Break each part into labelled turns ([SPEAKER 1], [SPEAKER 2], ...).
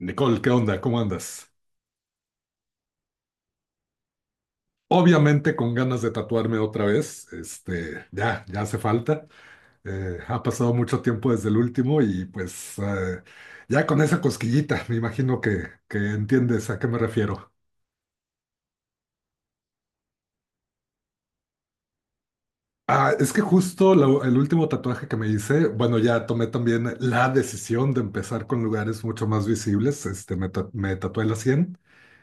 [SPEAKER 1] Nicole, ¿qué onda? ¿Cómo andas? Obviamente con ganas de tatuarme otra vez, ya hace falta. Ha pasado mucho tiempo desde el último y pues ya con esa cosquillita, me imagino que entiendes a qué me refiero. Ah, es que justo el último tatuaje que me hice, bueno, ya tomé también la decisión de empezar con lugares mucho más visibles, me tatué la 100.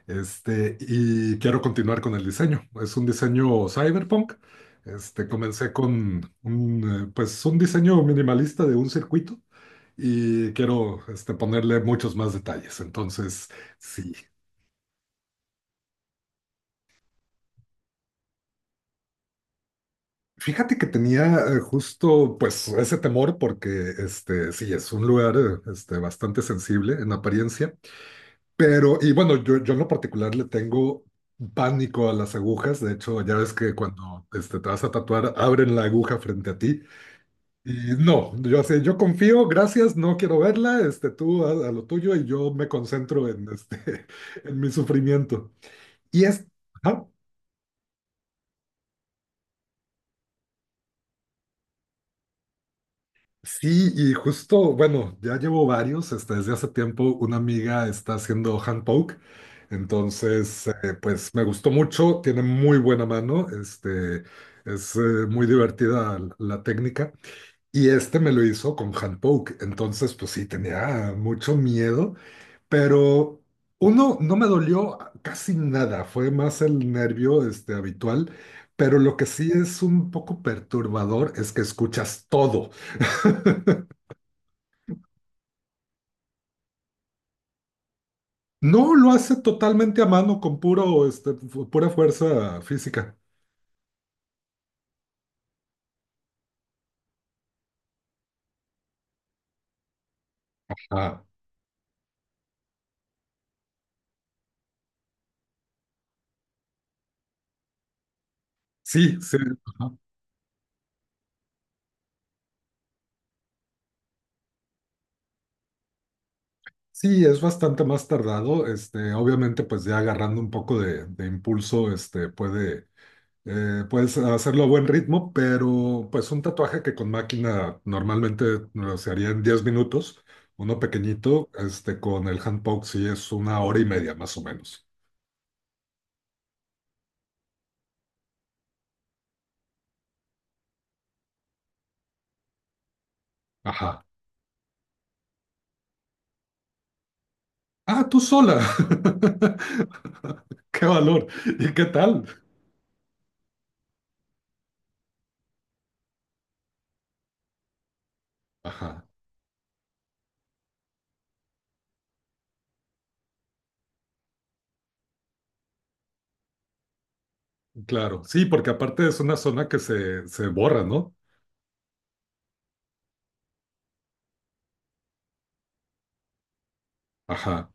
[SPEAKER 1] Y quiero continuar con el diseño. Es un diseño cyberpunk. Comencé con un diseño minimalista de un circuito y quiero ponerle muchos más detalles. Entonces, sí. Fíjate que tenía justo pues ese temor porque sí, es un lugar bastante sensible en apariencia. Pero, y bueno, yo en lo particular le tengo pánico a las agujas. De hecho, ya ves que cuando te vas a tatuar, abren la aguja frente a ti. Y no, yo así, yo confío, gracias, no quiero verla, tú a lo tuyo y yo me concentro en, en mi sufrimiento. Y es, ajá. Sí, y justo, bueno, ya llevo varios, desde hace tiempo una amiga está haciendo hand poke, entonces, pues me gustó mucho, tiene muy buena mano, este, es muy divertida la técnica, y me lo hizo con hand poke, entonces, pues sí, tenía mucho miedo, pero uno, no me dolió casi nada, fue más el nervio, habitual, pero lo que sí es un poco perturbador es que escuchas todo. No, lo hace totalmente a mano, con puro, pura fuerza física. Ah, sí, sí, ajá. Sí, es bastante más tardado. Obviamente, pues ya agarrando un poco de impulso, puedes hacerlo a buen ritmo, pero pues un tatuaje que con máquina normalmente no, se haría en 10 minutos, uno pequeñito, con el hand poke sí es una hora y media más o menos. Ajá. Ah, tú sola. Qué valor. ¿Y qué tal? Ajá, claro. Sí, porque aparte es una zona que se borra, ¿no? Ajá.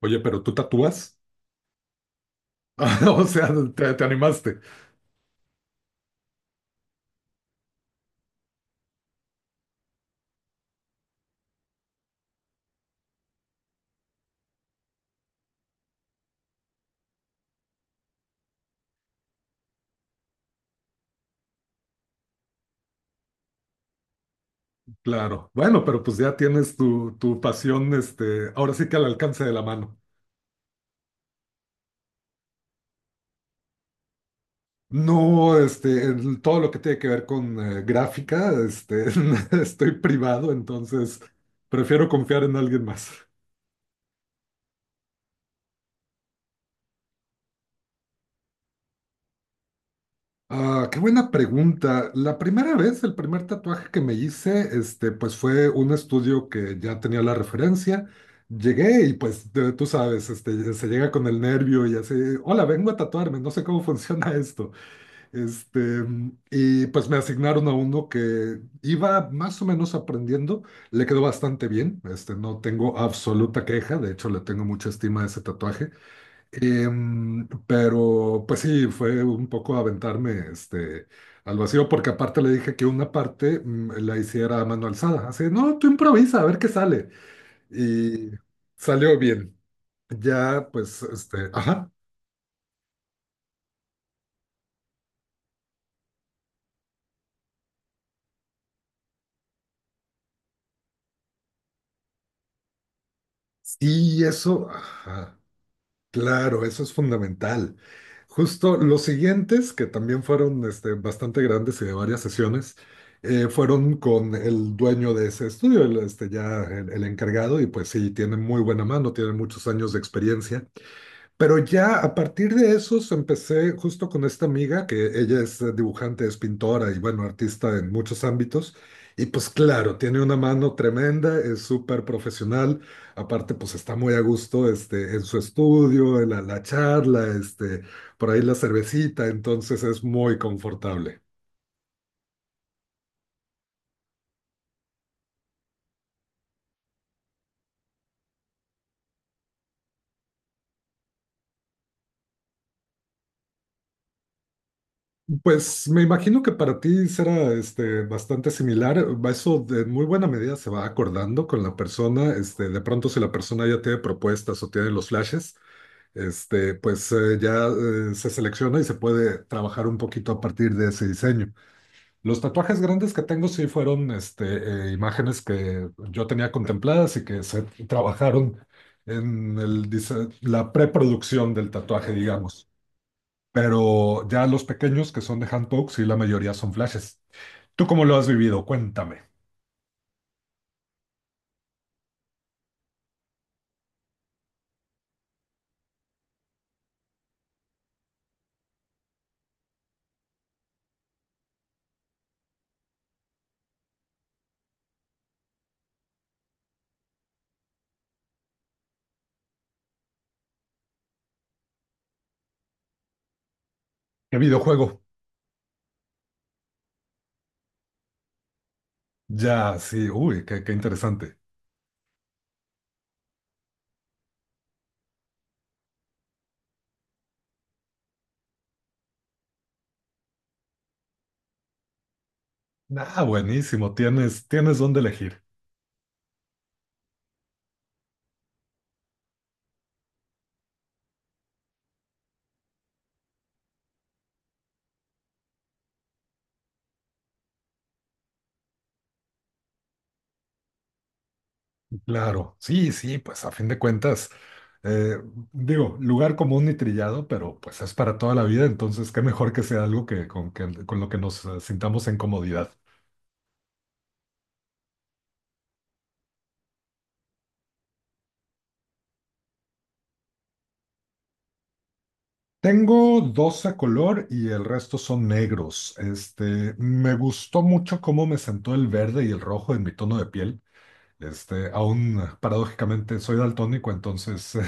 [SPEAKER 1] Oye, pero tú tatúas. Ah, o sea, te animaste. Claro. Bueno, pero pues ya tienes tu pasión, ahora sí que al alcance de la mano. No, todo lo que tiene que ver con gráfica, estoy privado, entonces prefiero confiar en alguien más. Ah, qué buena pregunta. La primera vez, el primer tatuaje que me hice, pues fue un estudio que ya tenía la referencia. Llegué y pues tú sabes, se llega con el nervio y así, hola, vengo a tatuarme, no sé cómo funciona esto. Este, y pues me asignaron a uno que iba más o menos aprendiendo, le quedó bastante bien, no tengo absoluta queja, de hecho le tengo mucha estima a ese tatuaje. Pero pues sí, fue un poco aventarme al vacío, porque aparte le dije que una parte la hiciera a mano alzada. Así, no, tú improvisa, a ver qué sale. Y salió bien. Ya, pues, ajá. Y eso, ajá. Claro, eso es fundamental. Justo los siguientes, que también fueron bastante grandes y de varias sesiones, fueron con el dueño de ese estudio, ya el encargado, y pues sí, tiene muy buena mano, tiene muchos años de experiencia. Pero ya a partir de esos empecé justo con esta amiga, que ella es dibujante, es pintora y bueno, artista en muchos ámbitos. Y pues claro, tiene una mano tremenda, es súper profesional. Aparte, pues está muy a gusto en su estudio, en la charla, por ahí la cervecita, entonces es muy confortable. Pues me imagino que para ti será bastante similar. Eso de muy buena medida se va acordando con la persona. De pronto, si la persona ya tiene propuestas o tiene los flashes, pues ya se selecciona y se puede trabajar un poquito a partir de ese diseño. Los tatuajes grandes que tengo sí fueron imágenes que yo tenía contempladas y que se trabajaron en el la preproducción del tatuaje, digamos. Pero ya los pequeños que son de handpoke, sí, la mayoría son flashes. ¿Tú cómo lo has vivido? Cuéntame. ¿Qué videojuego? Ya, sí, uy, qué interesante. Ah, buenísimo, tienes dónde elegir. Claro, sí, sí, pues a fin de cuentas, eh, digo, lugar común y trillado, pero pues es para toda la vida, entonces qué mejor que sea algo con lo que nos sintamos en comodidad. Tengo dos a color y el resto son negros. Me gustó mucho cómo me sentó el verde y el rojo en mi tono de piel. Aún paradójicamente soy daltónico, entonces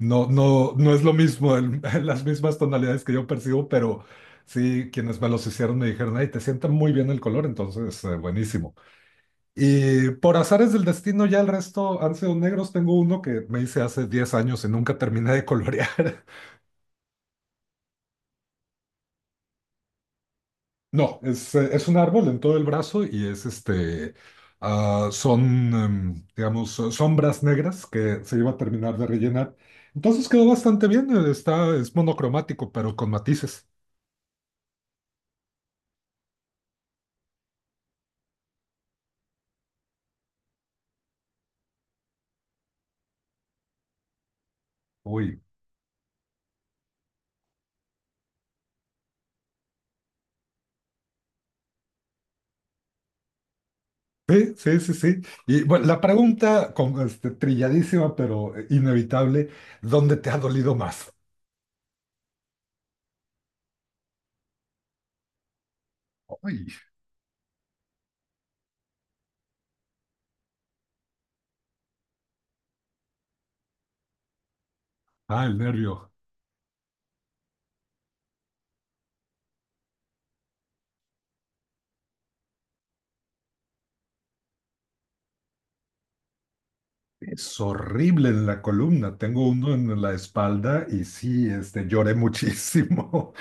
[SPEAKER 1] no, no, no es lo mismo, las mismas tonalidades que yo percibo, pero sí, quienes me los hicieron me dijeron, ay, te sienta muy bien el color, entonces buenísimo. Y por azares del destino, ya el resto han sido negros. Tengo uno que me hice hace 10 años y nunca terminé de colorear. No, es un árbol en todo el brazo y es son, digamos, sombras negras que se iba a terminar de rellenar. Entonces quedó bastante bien, es monocromático, pero con matices. Uy, sí, sí, sí, sí. Y bueno, la pregunta con, trilladísima, pero inevitable, ¿dónde te ha dolido más? Uy, ah, el nervio. Es horrible en la columna, tengo uno en la espalda y sí, lloré muchísimo.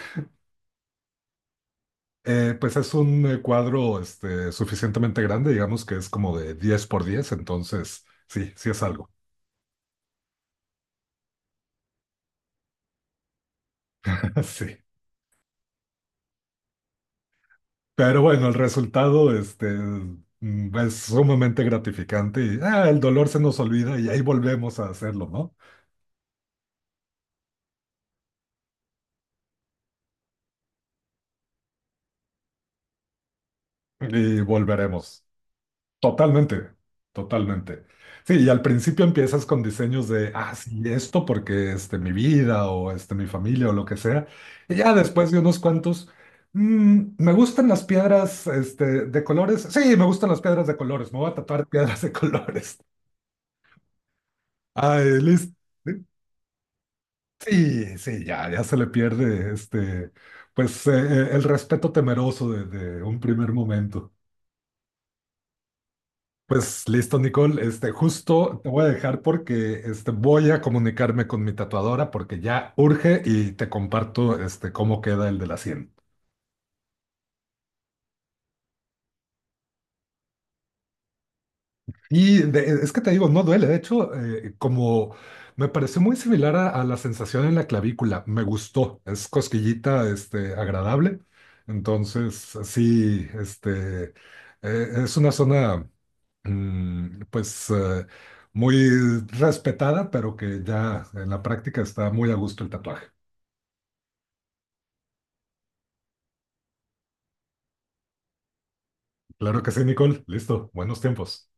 [SPEAKER 1] Pues es un cuadro suficientemente grande, digamos que es como de 10 por 10, entonces sí, sí es algo. Sí. Pero bueno, el resultado es sumamente gratificante y el dolor se nos olvida y ahí volvemos a hacerlo, ¿no? Y volveremos. Totalmente, totalmente. Sí, y al principio empiezas con diseños de, sí, esto porque mi vida o mi familia o lo que sea. Y ya después de unos cuantos, "Me gustan las piedras de colores. Sí, me gustan las piedras de colores. Me voy a tatuar piedras de colores. Ay, listo. Sí, sí, ya se le pierde pues el respeto temeroso de un primer momento. Pues listo, Nicole. Justo te voy a dejar porque voy a comunicarme con mi tatuadora porque ya urge y te comparto cómo queda el de la 100. Y es que te digo, no duele. De hecho, como me pareció muy similar a la sensación en la clavícula, me gustó. Es cosquillita agradable. Entonces, sí, es una zona, mm, pues eh, muy respetada, pero que ya en la práctica está muy a gusto el tatuaje. Claro que sí, Nicole. Listo. Buenos tiempos.